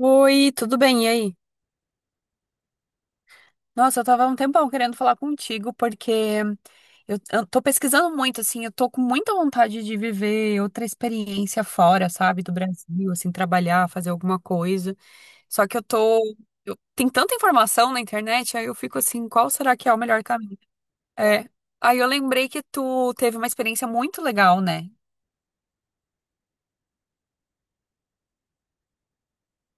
Oi, tudo bem? E aí? Nossa, eu tava há um tempão querendo falar contigo, porque eu tô pesquisando muito, assim, eu tô com muita vontade de viver outra experiência fora, sabe, do Brasil, assim, trabalhar, fazer alguma coisa. Só que eu tô. Tem tanta informação na internet, aí eu fico assim, qual será que é o melhor caminho? É. Aí eu lembrei que tu teve uma experiência muito legal, né?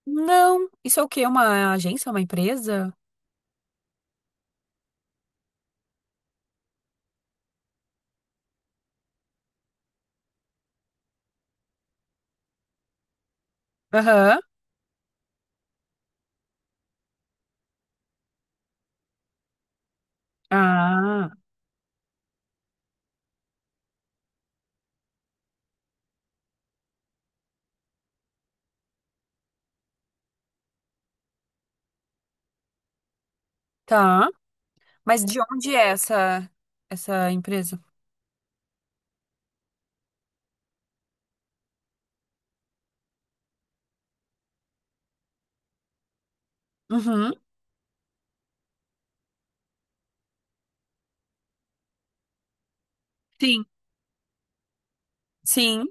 Não, isso é o quê? Uma agência, uma empresa? Aham. Ah, tá. Mas de onde é essa empresa? Uhum. Sim, sim.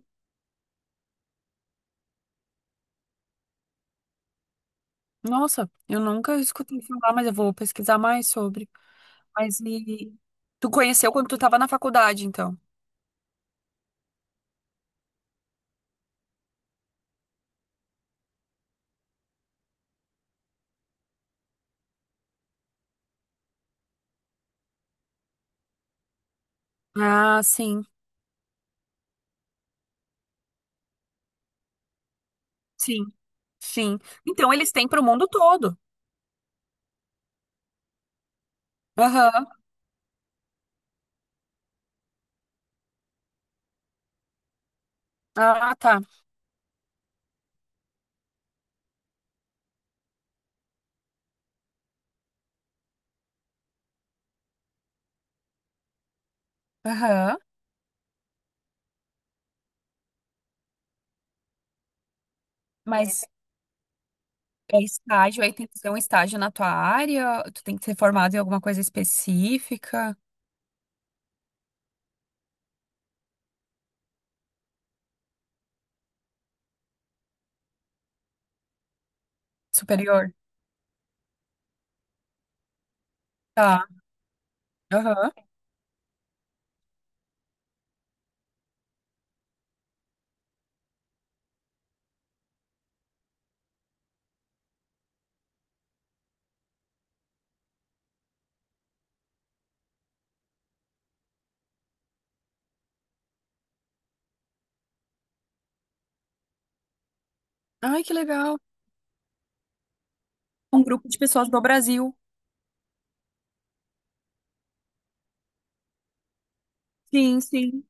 Nossa, eu nunca escutei falar, mas eu vou pesquisar mais sobre. Mas e tu conheceu quando tu estava na faculdade, então? Ah, sim, sim, sim. Então eles têm para o mundo todo. Aham. Ah, tá. Aham. Mas é estágio, aí tem que ser um estágio na tua área, tu tem que ser formado em alguma coisa específica, superior. Tá. Aham. Ai, que legal. Um grupo de pessoas do Brasil. Sim, sim.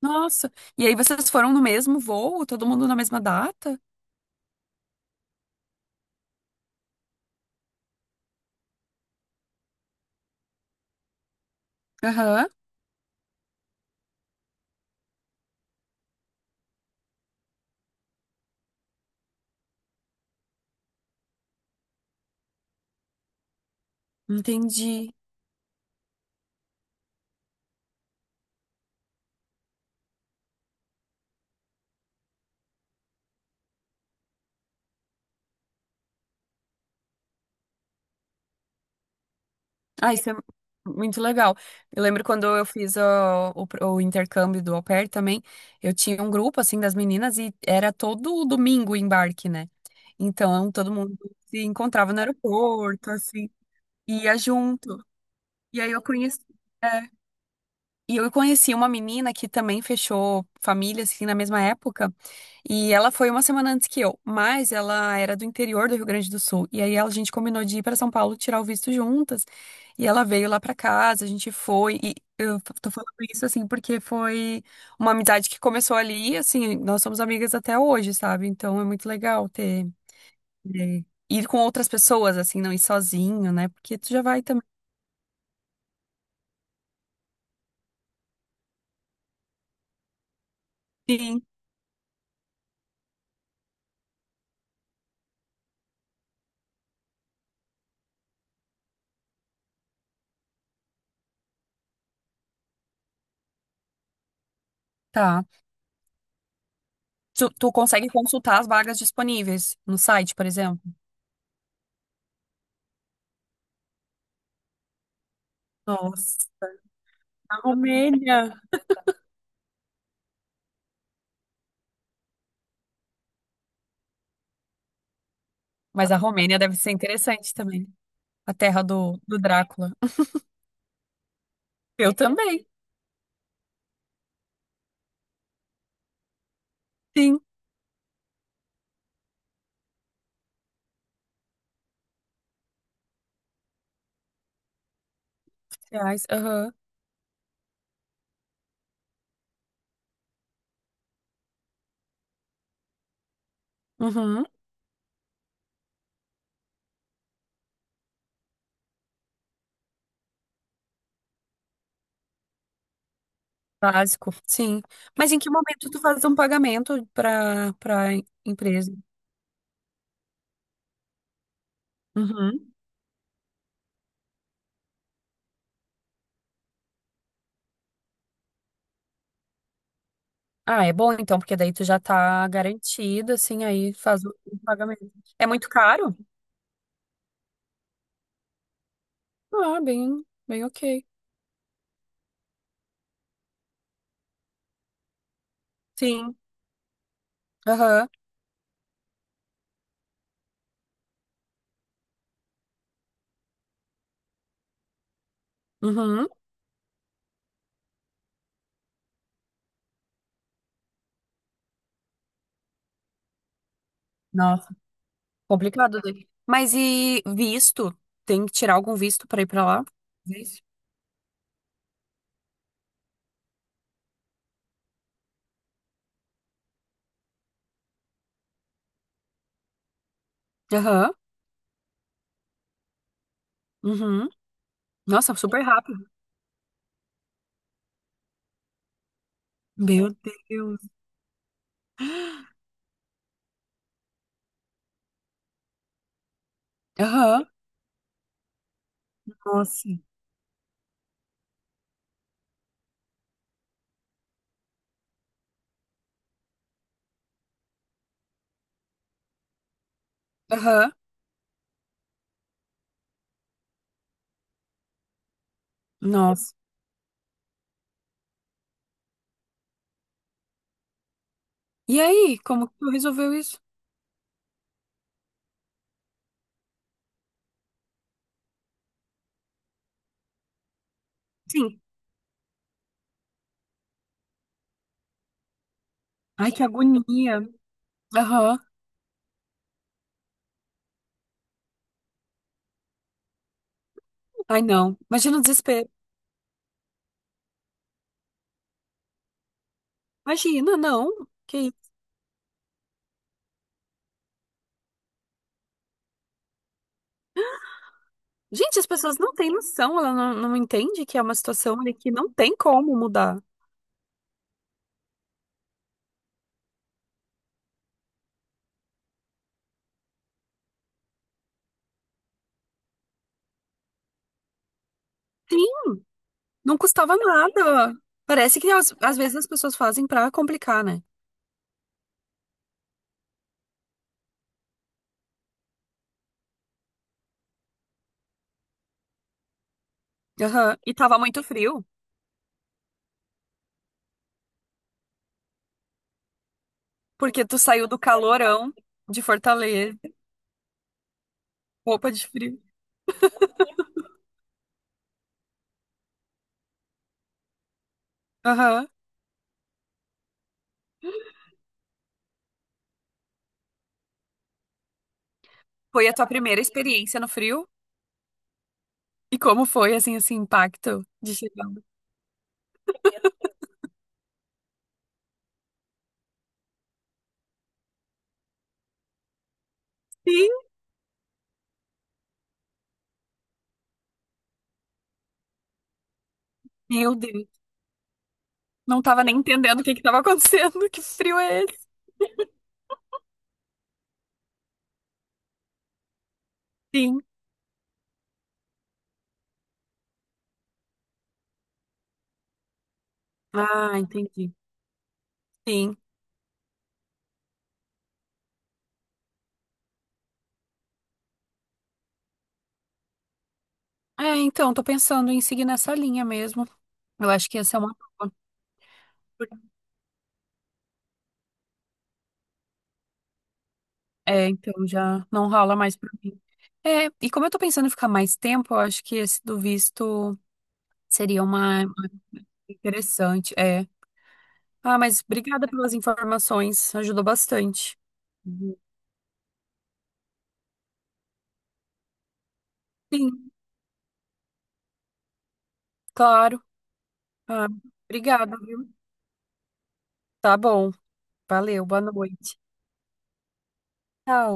Nossa. E aí vocês foram no mesmo voo? Todo mundo na mesma data? Aham. Entendi. Ah, isso é muito legal. Eu lembro quando eu fiz o intercâmbio do Au Pair também, eu tinha um grupo, assim, das meninas e era todo domingo o embarque, né? Então, todo mundo se encontrava no aeroporto, assim, e ia junto. E aí eu conheci. é, E eu conheci uma menina que também fechou família, assim, na mesma época. E ela foi uma semana antes que eu, mas ela era do interior do Rio Grande do Sul. E aí a gente combinou de ir para São Paulo tirar o visto juntas. E ela veio lá para casa, a gente foi. E tô falando isso, assim, porque foi uma amizade que começou ali, e, assim, nós somos amigas até hoje, sabe? Então é muito legal ter- ir com outras pessoas, assim, não ir sozinho, né? Porque tu já vai também. Sim. Tá. Tu consegue consultar as vagas disponíveis no site, por exemplo? Nossa, a Romênia. Mas a Romênia deve ser interessante também. A terra do, do Drácula. Eu também, sim. Reais, aham. Uhum. Básico, sim. Mas em que momento tu faz um pagamento para empresa? Uhum. Ah, é bom então, porque daí tu já tá garantido, assim, aí faz o pagamento. É muito caro? Ah, bem, bem ok. Sim. Aham. Uhum. Nossa. Complicado, né? Mas e visto? Tem que tirar algum visto pra ir pra lá? Visto. Aham. Uhum. Nossa, super rápido. Meu Deus. Aham. Nossa. Aham. Nossa. E aí, como que tu resolveu isso? Sim. Ai, que agonia. Aham. Ai, não. Imagina o desespero. Imagina, não. Que isso. Gente, as pessoas não têm noção, ela não entende que é uma situação ali que não tem como mudar. Sim, Não custava nada. Parece que às vezes as pessoas fazem pra complicar, né? Aham. E tava muito frio, porque tu saiu do calorão de Fortaleza, roupa de frio. Aham. Foi a tua primeira experiência no frio? E como foi, assim, esse impacto de chegar? Sim. Meu Deus. Não tava nem entendendo o que que tava acontecendo. Que frio é esse? Sim. Ah, entendi. Sim. É, então, tô pensando em seguir nessa linha mesmo. Eu acho que essa é uma boa. É, então já não rola mais pra mim. É, e como eu tô pensando em ficar mais tempo, eu acho que esse do visto seria uma interessante. É. Ah, mas obrigada pelas informações, ajudou bastante. Uhum. Sim, claro. Ah, obrigada, viu? Tá bom, valeu, boa noite. Tchau.